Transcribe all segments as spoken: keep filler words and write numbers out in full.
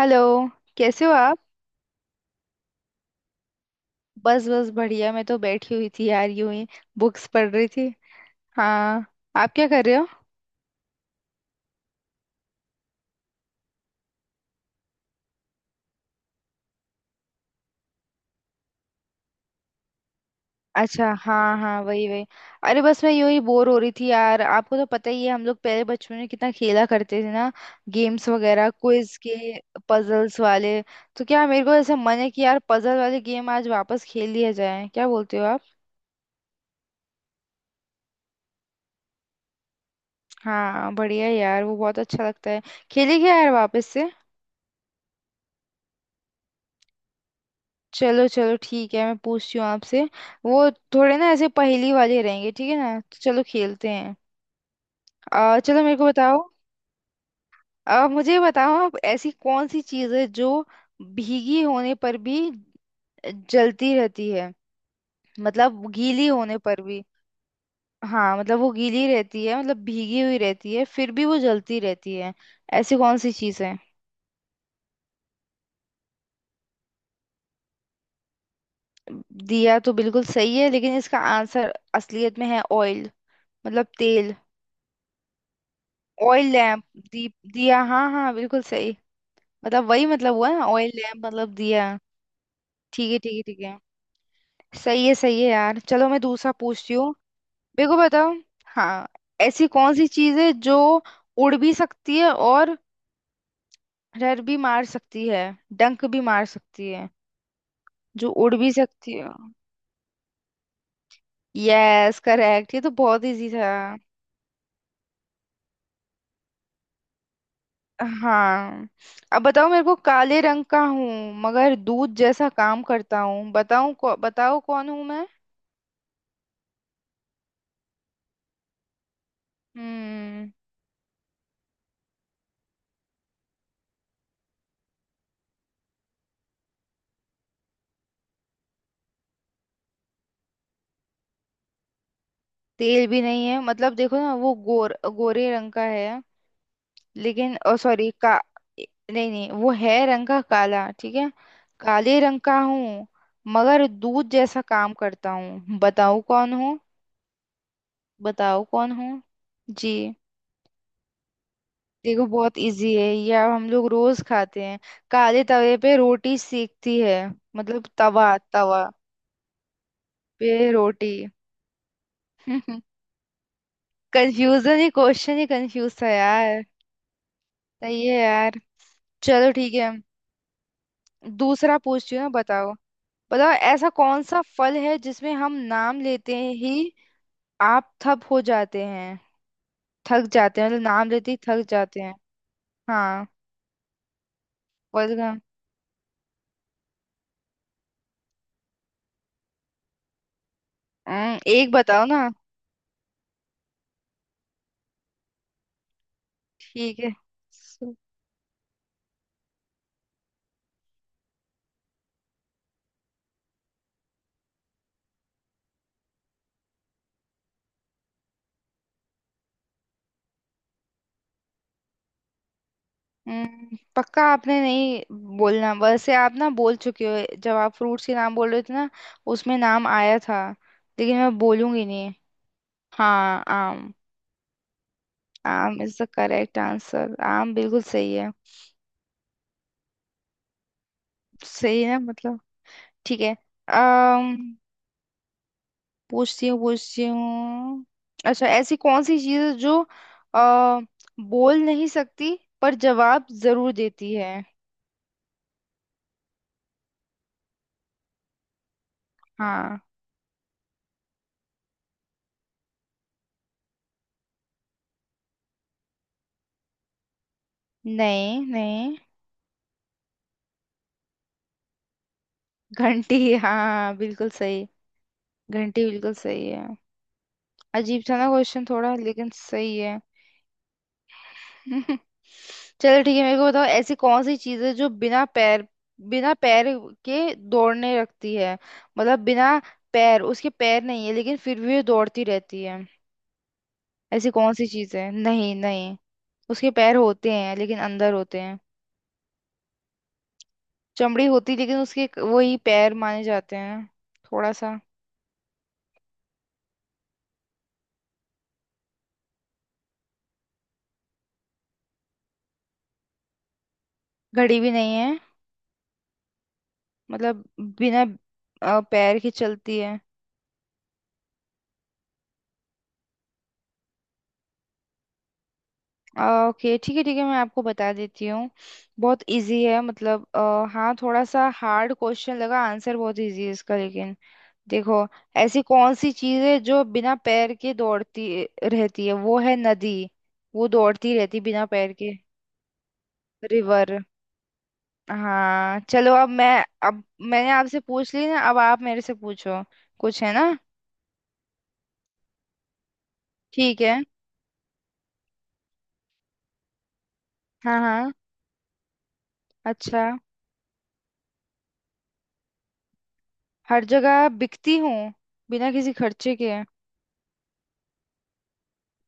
Hello. कैसे हो आप? बस बस बढ़िया, मैं तो बैठी हुई थी यार यूं ही। बुक्स पढ़ रही थी। हाँ। आप क्या कर रहे हो? अच्छा, हाँ हाँ, वही वही। अरे बस मैं यूं ही बोर हो रही थी यार, आपको तो पता ही है, हम लोग पहले बचपन में कितना खेला करते थे ना। गेम्स वगैरह, क्विज के, पजल्स वाले। तो क्या मेरे को ऐसा मन है कि यार पजल वाले गेम आज वापस खेल लिया जाए, क्या बोलते हो आप? हाँ बढ़िया यार, वो बहुत अच्छा लगता है। खेलेंगे यार वापस से। चलो चलो, ठीक है, मैं पूछती हूँ आपसे। वो थोड़े ना ऐसे पहेली वाले रहेंगे, ठीक है ना, तो चलो खेलते हैं। आ, चलो मेरे को बताओ। आ, मुझे बताओ आप, ऐसी कौन सी चीज़ है जो भीगी होने पर भी जलती रहती है? मतलब गीली होने पर भी। हाँ मतलब वो गीली रहती है, मतलब भीगी हुई रहती है, फिर भी वो जलती रहती है। ऐसी कौन सी चीज़ है? दिया तो बिल्कुल सही है, लेकिन इसका आंसर असलियत में है ऑयल। मतलब तेल। Oil lamp. दीप दिया, हाँ हाँ बिल्कुल सही। मतलब वही, मतलब हुआ ना, ऑयल लैम्प मतलब दिया। ठीक है ठीक है ठीक है। सही है सही है यार, चलो मैं दूसरा पूछती हूँ। मेरे को बताओ। हाँ। ऐसी कौन सी चीज है जो उड़ भी सकती है, और रर भी मार सकती है, डंक भी मार सकती है? जो उड़ भी सकती है। यस करेक्ट, ये तो बहुत इजी था। हाँ। अब बताओ मेरे को, काले रंग का हूँ मगर दूध जैसा काम करता हूँ, बताऊँ कौ, बताओ कौन हूँ मैं? हम्म। तेल भी नहीं है, मतलब देखो ना, वो गोर गोरे रंग का है। लेकिन ओ सॉरी का। ए- नहीं नहीं, वो है रंग का काला, ठीक है। काले रंग का हूँ मगर दूध जैसा काम करता हूँ, बताओ कौन हूँ? बताओ कौन हूँ? जी। देखो बहुत इजी है ये, अब हम लोग रोज खाते हैं, काले तवे पे रोटी सेकती है। मतलब तवा तवा पे रोटी। कंफ्यूजन ही क्वेश्चन ही कंफ्यूज था यार। सही है यार। चलो ठीक है, दूसरा पूछती हूँ ना, बताओ। बताओ ऐसा कौन सा फल है जिसमें हम नाम लेते ही आप थप हो जाते हैं? थक जाते हैं, मतलब नाम लेते ही थक जाते हैं। हाँ। फल का। हम्म, एक बताओ ना। ठीक है। सु- हम्म, पक्का आपने नहीं बोलना, वैसे आप ना बोल चुके हो, जब आप फ्रूट्स के नाम बोल रहे थे ना, उसमें नाम आया था, लेकिन मैं बोलूंगी नहीं। हाँ, आम। Aam is the correct answer, आम बिल्कुल सही है। सही है मतलब। ठीक है। अम्म पूछती हूँ पूछती हूँ। अच्छा, ऐसी कौन सी चीज़ है जो अ, बोल नहीं सकती पर जवाब जरूर देती है? हाँ। नहीं नहीं। घंटी, हाँ बिल्कुल सही। घंटी बिल्कुल सही है। अजीब था ना क्वेश्चन थोड़ा, लेकिन सही है। चलो ठीक है, मेरे को बताओ, ऐसी कौन सी चीज है जो बिना पैर, बिना पैर के दौड़ने रखती है? मतलब बिना पैर, उसके पैर नहीं है, लेकिन फिर भी वो दौड़ती रहती है। ऐसी कौन सी चीज है? नहीं नहीं, उसके पैर होते हैं लेकिन अंदर होते हैं। चमड़ी होती है, लेकिन उसके क- वही पैर माने जाते हैं थोड़ा सा। घड़ी भी नहीं है। मतलब बिना अ, पैर के चलती है। ओके ठीक है ठीक है, मैं आपको बता देती हूँ। बहुत इजी है, मतलब अ, हाँ, थोड़ा सा हार्ड क्वेश्चन लगा, आंसर बहुत इजी है इसका लेकिन। देखो, ऐसी कौन सी चीज़ है जो बिना पैर के दौड़ती रहती है, वो है नदी। वो दौड़ती रहती बिना पैर के। रिवर। हाँ चलो, अब मैं, अब मैंने आपसे पूछ ली ना, अब आप मेरे से पूछो। कुछ है ना। ठीक है। हाँ हाँ। अच्छा, हर जगह बिकती हूँ बिना किसी खर्चे के।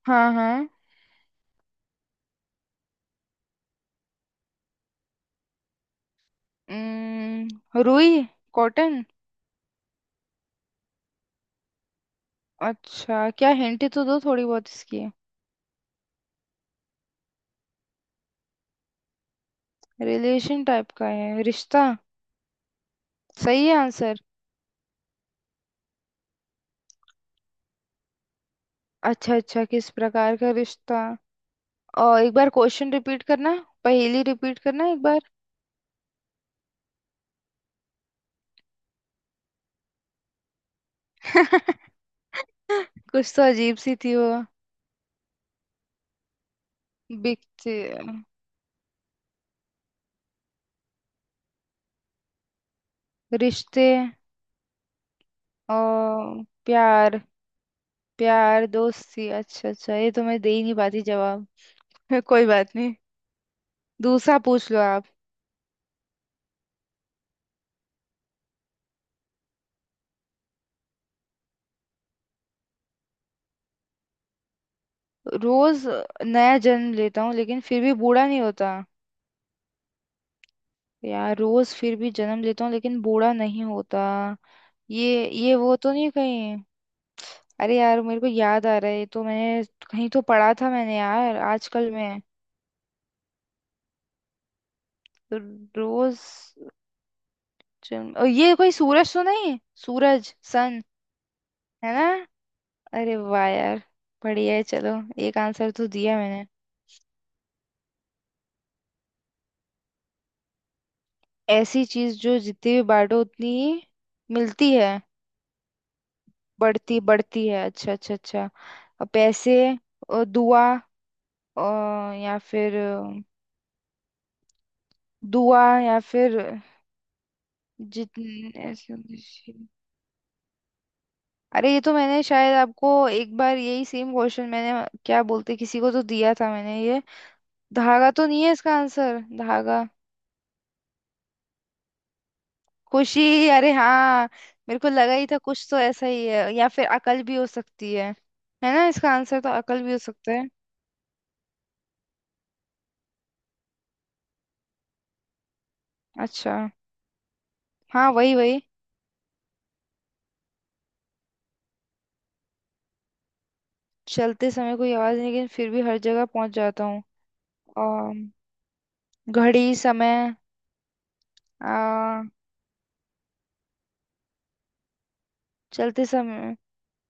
हाँ हाँ। हम्म, रुई। कॉटन। अच्छा, क्या हिंट तो दो थोड़ी बहुत इसकी। रिलेशन टाइप का है, रिश्ता। सही है आंसर। अच्छा अच्छा, किस प्रकार का रिश्ता? और एक बार क्वेश्चन रिपीट करना, पहेली रिपीट करना एक बार। कुछ तो अजीब सी थी वो। बिकते रिश्ते। और प्यार। प्यार, दोस्ती। अच्छा अच्छा, ये तो मैं दे ही नहीं पाती जवाब। कोई बात नहीं, दूसरा पूछ लो आप। रोज नया जन्म लेता हूँ लेकिन फिर भी बूढ़ा नहीं होता। यार रोज फिर भी जन्म लेता हूँ लेकिन बूढ़ा नहीं होता। ये ये वो तो नहीं कहीं? अरे यार मेरे को याद आ रहा है, ये तो मैंने कहीं तो पढ़ा था मैंने यार आजकल में। रोज जन्म, ओ, ये कोई सूरज तो नहीं? सूरज, सन। है ना? अरे वाह यार, बढ़िया है, चलो। एक आंसर तो दिया मैंने। ऐसी चीज जो जितनी भी बांटो उतनी मिलती है। बढ़ती बढ़ती है। अच्छा अच्छा अच्छा। अ, पैसे। अ, दुआ। अ, या फिर अ, दुआ, या फिर जितने ऐसे मुझे- अरे ये तो मैंने शायद आपको एक बार यही सेम क्वेश्चन मैंने क्या बोलते किसी को तो दिया था मैंने ये। धागा तो नहीं है इसका आंसर, धागा? खुशी, अरे हाँ। मेरे को लगा ही था कुछ तो ऐसा ही है, या फिर अकल भी हो सकती है। है ना, इसका आंसर तो अकल भी हो सकता है। अच्छा। हाँ वही वही। चलते समय कोई आवाज नहीं, लेकिन फिर भी हर जगह पहुंच जाता हूँ। अम, घड़ी, समय। आ, चलते समय।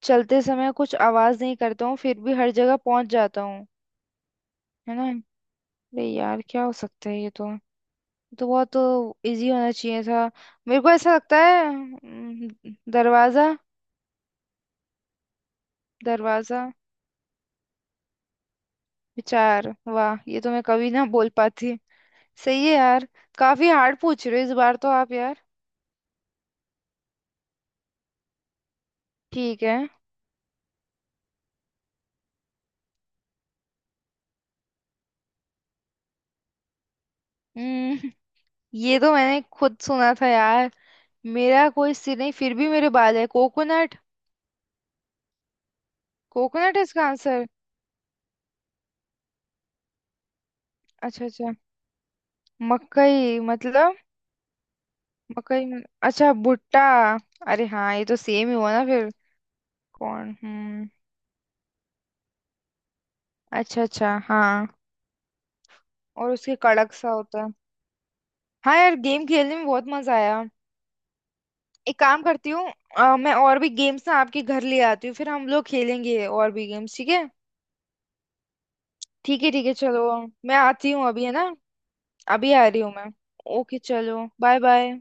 चलते समय कुछ आवाज नहीं करता हूँ, फिर भी हर जगह पहुंच जाता हूँ। है ना? अरे यार क्या हो सकता है, ये तो ये तो बहुत तो इजी होना चाहिए था। मेरे को ऐसा लगता है, अम, दरवाजा। दरवाजा, विचार, वाह, ये तो मैं कभी ना बोल पाती। सही है यार। काफी हार्ड पूछ रहे हो इस बार तो आप यार। ठीक है। हम्म। ये तो मैंने खुद सुना था यार। मेरा कोई सिर नहीं फिर भी मेरे बाल है, कोकोनट। कोकोनट इसका आंसर। अच्छा अच्छा। मकई मतलब। मकई मत- अच्छा भुट्टा। अरे हाँ, ये तो सेम ही हुआ ना फिर। कौन, हम्म। अच्छा अच्छा, हाँ। और उसके कड़क सा होता है। हाँ यार, गेम खेलने में बहुत मजा आया। एक काम करती हूँ, अ, मैं और भी गेम्स ना आपके घर ले आती हूँ, फिर हम लोग खेलेंगे और भी गेम्स, ठीक है। ठीक है ठीक है, चलो, मैं आती हूँ अभी, है ना। अभी आ रही हूँ मैं। ओके चलो, बाय बाय।